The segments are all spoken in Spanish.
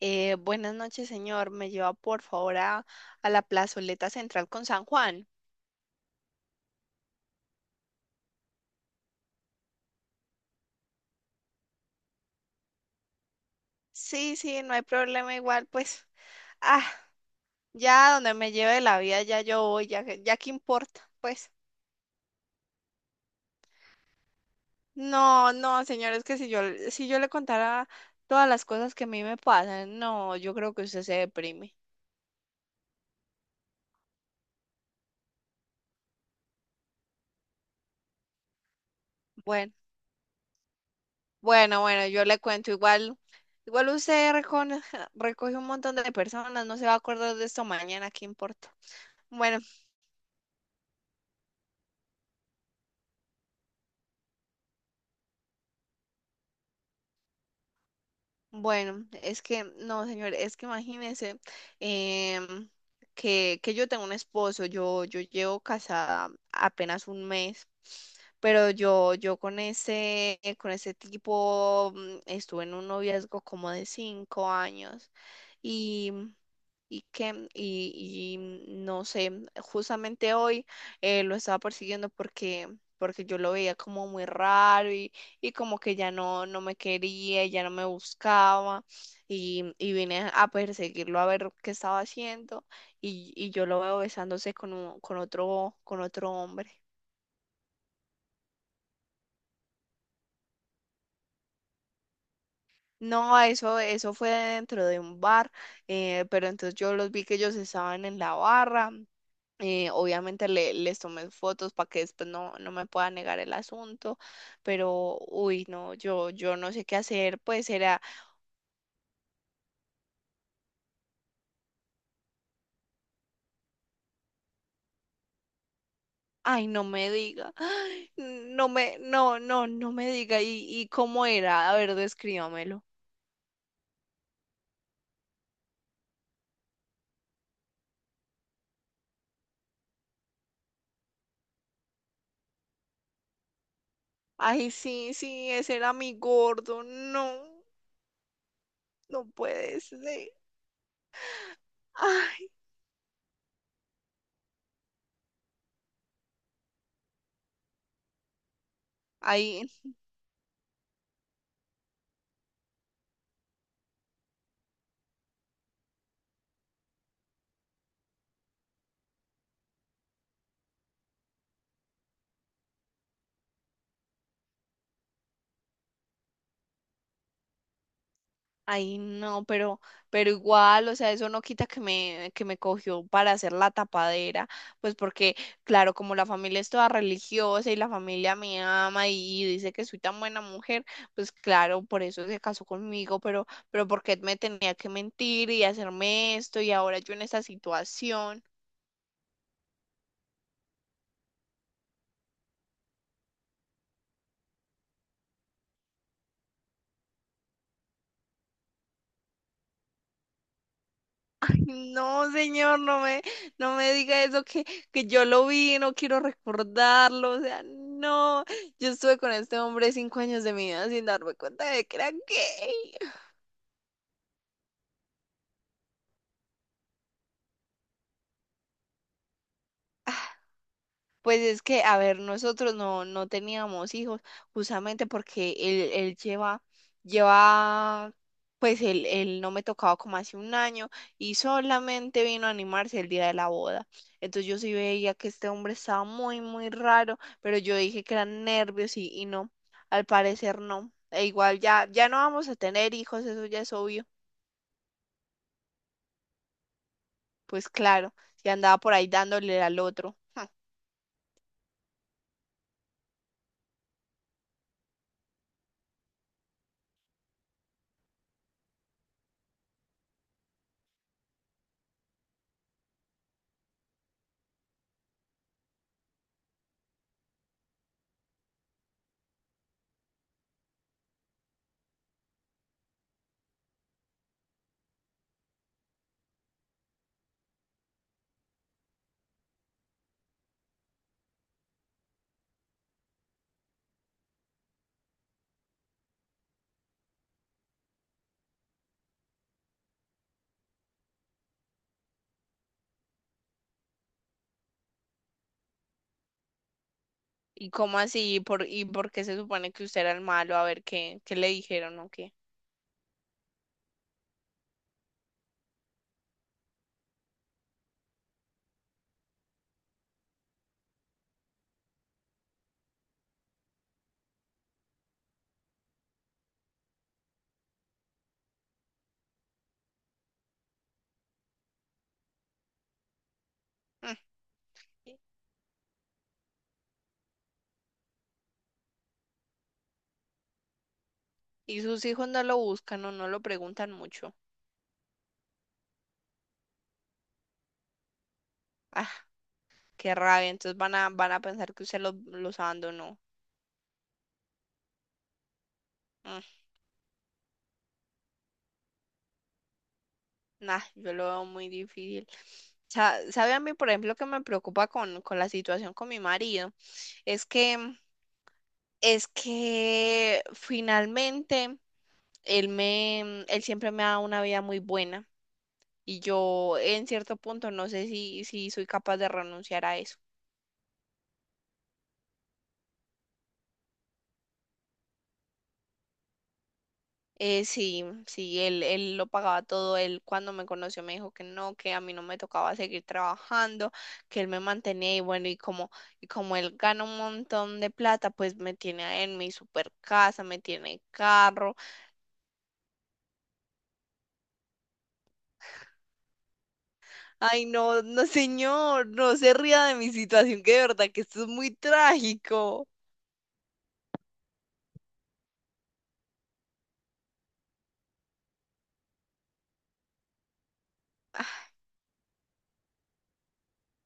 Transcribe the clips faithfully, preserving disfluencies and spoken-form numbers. Eh, buenas noches, señor. ¿Me lleva por favor a, a la plazoleta central con San Juan? Sí, sí, no hay problema igual, pues, ah, ya donde me lleve la vida, ya yo voy, ya, que- ya qué importa, pues. No, no, señor, es que si yo, si yo le contara todas las cosas que a mí me pasan, no, yo creo que usted se deprime. Bueno, bueno, bueno, yo le cuento igual, igual usted recone- recoge un montón de personas, no se va a acordar de esto mañana, qué importa. Bueno. Bueno, es que, no, señor, es que imagínese, em, que, que yo tengo un esposo, yo, yo llevo casada apenas un mes, pero yo, yo con ese, con ese, tipo, mm, estuve en un noviazgo como de cinco años, y, y que, y, y no sé, justamente hoy eh, lo estaba persiguiendo porque, porque, yo lo veía como muy raro y como que ya no, no me quería, ya no me buscaba, y, y vine a perseguirlo a ver qué estaba haciendo, y, y yo lo veo besándose con, un- con otro, con otro hombre. No, eso, eso, fue dentro de un bar. Eh, pero entonces yo los vi, que ellos estaban en la barra. Eh, obviamente le, les tomé fotos para que después no, no me pueda negar el asunto, pero uy, no, yo, yo no sé qué hacer, pues era... Ay, no me diga. Ay, no me, no, no, no me diga. ¿Y, y cómo era? A ver, descríbamelo. Ay, sí, sí, ese era mi gordo. No, no puede ser. Ay, ay, ay. No, pero, pero igual, o sea, eso no quita que me, que me cogió para hacer la tapadera, pues porque, claro, como la familia es toda religiosa y la familia me ama y dice que soy tan buena mujer, pues claro, por eso se casó conmigo, pero, pero ¿por qué me tenía que mentir y hacerme esto y ahora yo en esta situación? No, señor, no me, no me diga eso, que, que yo lo vi, no quiero recordarlo, o sea, no, yo estuve con este hombre cinco años de mi vida sin darme cuenta de que era gay. Pues es que, a ver, nosotros no, no, teníamos hijos, justamente porque él, él lleva, lleva, pues él, él no me tocaba como hace un año y solamente vino a animarse el día de la boda. Entonces yo sí veía que este hombre estaba muy, muy raro, pero yo dije que eran nervios y, y no, al parecer no. E igual ya, ya no vamos a tener hijos, eso ya es obvio. Pues claro, si andaba por ahí dándole al otro. ¿Y cómo así? ¿Y por, y por qué se supone que usted era el malo? A ver, ¿qué, qué le dijeron o qué? Mm. Y sus hijos no lo buscan o no lo preguntan mucho. Ah, qué rabia. Entonces van a, van a, pensar que usted los, los abandonó. Mm, nah, yo lo veo muy difícil. Sa- ¿Sabe a mí, por ejemplo, que me preocupa con, con la situación con mi marido? Es que, es que finalmente él me, él siempre me ha dado una vida muy buena, y yo en cierto punto no sé si, si soy capaz de renunciar a eso. Eh, sí, sí, él, él lo pagaba todo, él cuando me conoció me dijo que no, que a mí no me tocaba seguir trabajando, que él me mantenía y bueno, y como, y como él gana un montón de plata, pues me tiene en mi super casa, me tiene carro. Ay, no, no señor, no se ría de mi situación, que de verdad que esto es muy trágico.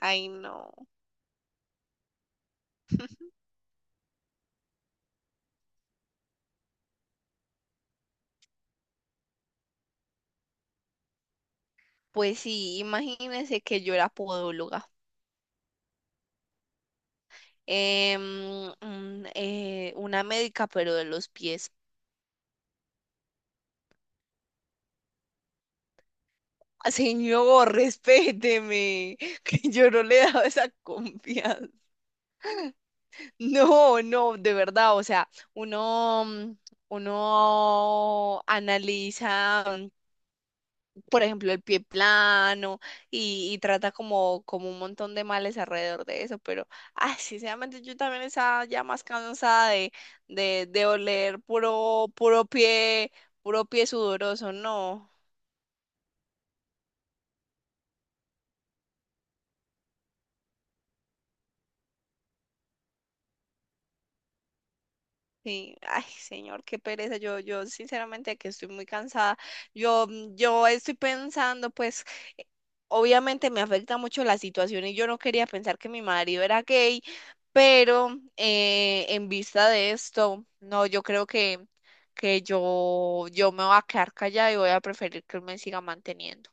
Ay, no. Pues sí, imagínense que yo era podóloga. Em, mm, eh, una médica, pero de los pies. Señor, respéteme, que yo no le he dado esa confianza. No, no, de verdad, o sea, uno, mm, uno analiza, por ejemplo, el pie plano y, y trata, como, como un montón de males alrededor de eso, pero, ay, sinceramente yo también estaba ya más cansada de, de, de oler puro, puro pie, puro pie sudoroso, no. Sí, ay, señor, qué pereza. Yo, yo sinceramente que estoy muy cansada. Yo, mm, yo estoy pensando, pues, eh, obviamente me afecta mucho la situación y yo no quería pensar que mi marido era gay, pero eh, en vista de esto, no, yo creo que, que yo, yo me voy a quedar callada y voy a preferir que él me siga manteniendo.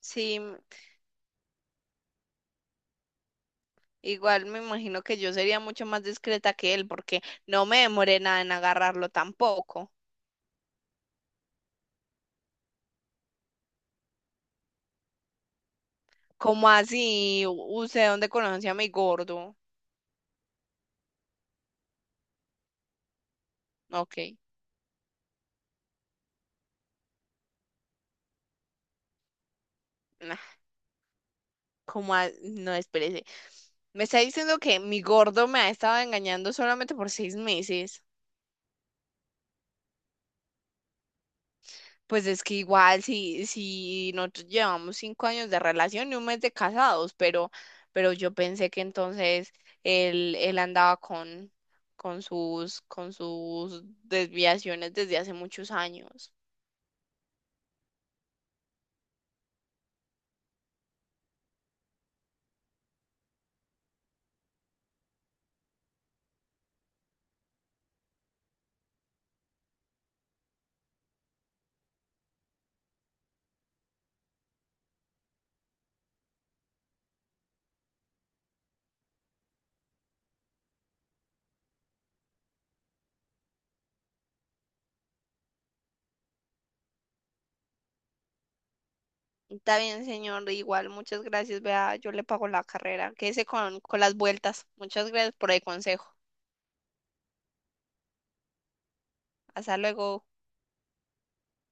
Sí, m- igual me imagino que yo sería mucho más discreta que él, porque no me demoré nada en agarrarlo tampoco. ¿Cómo así? ¿Usted dónde conoce a mi gordo? Ok. Nah, ¿cómo a- no, espérese. Me está diciendo que mi gordo me ha estado engañando solamente por seis meses. Pues es que igual si, si nosotros llevamos cinco años de relación y un mes de casados, pero, pero yo pensé que entonces él, él andaba con, con sus, con sus desviaciones desde hace muchos años. Está bien, señor, igual, muchas gracias. Vea, yo le pago la carrera. Quédese con, con las vueltas. Muchas gracias por el consejo. Hasta luego.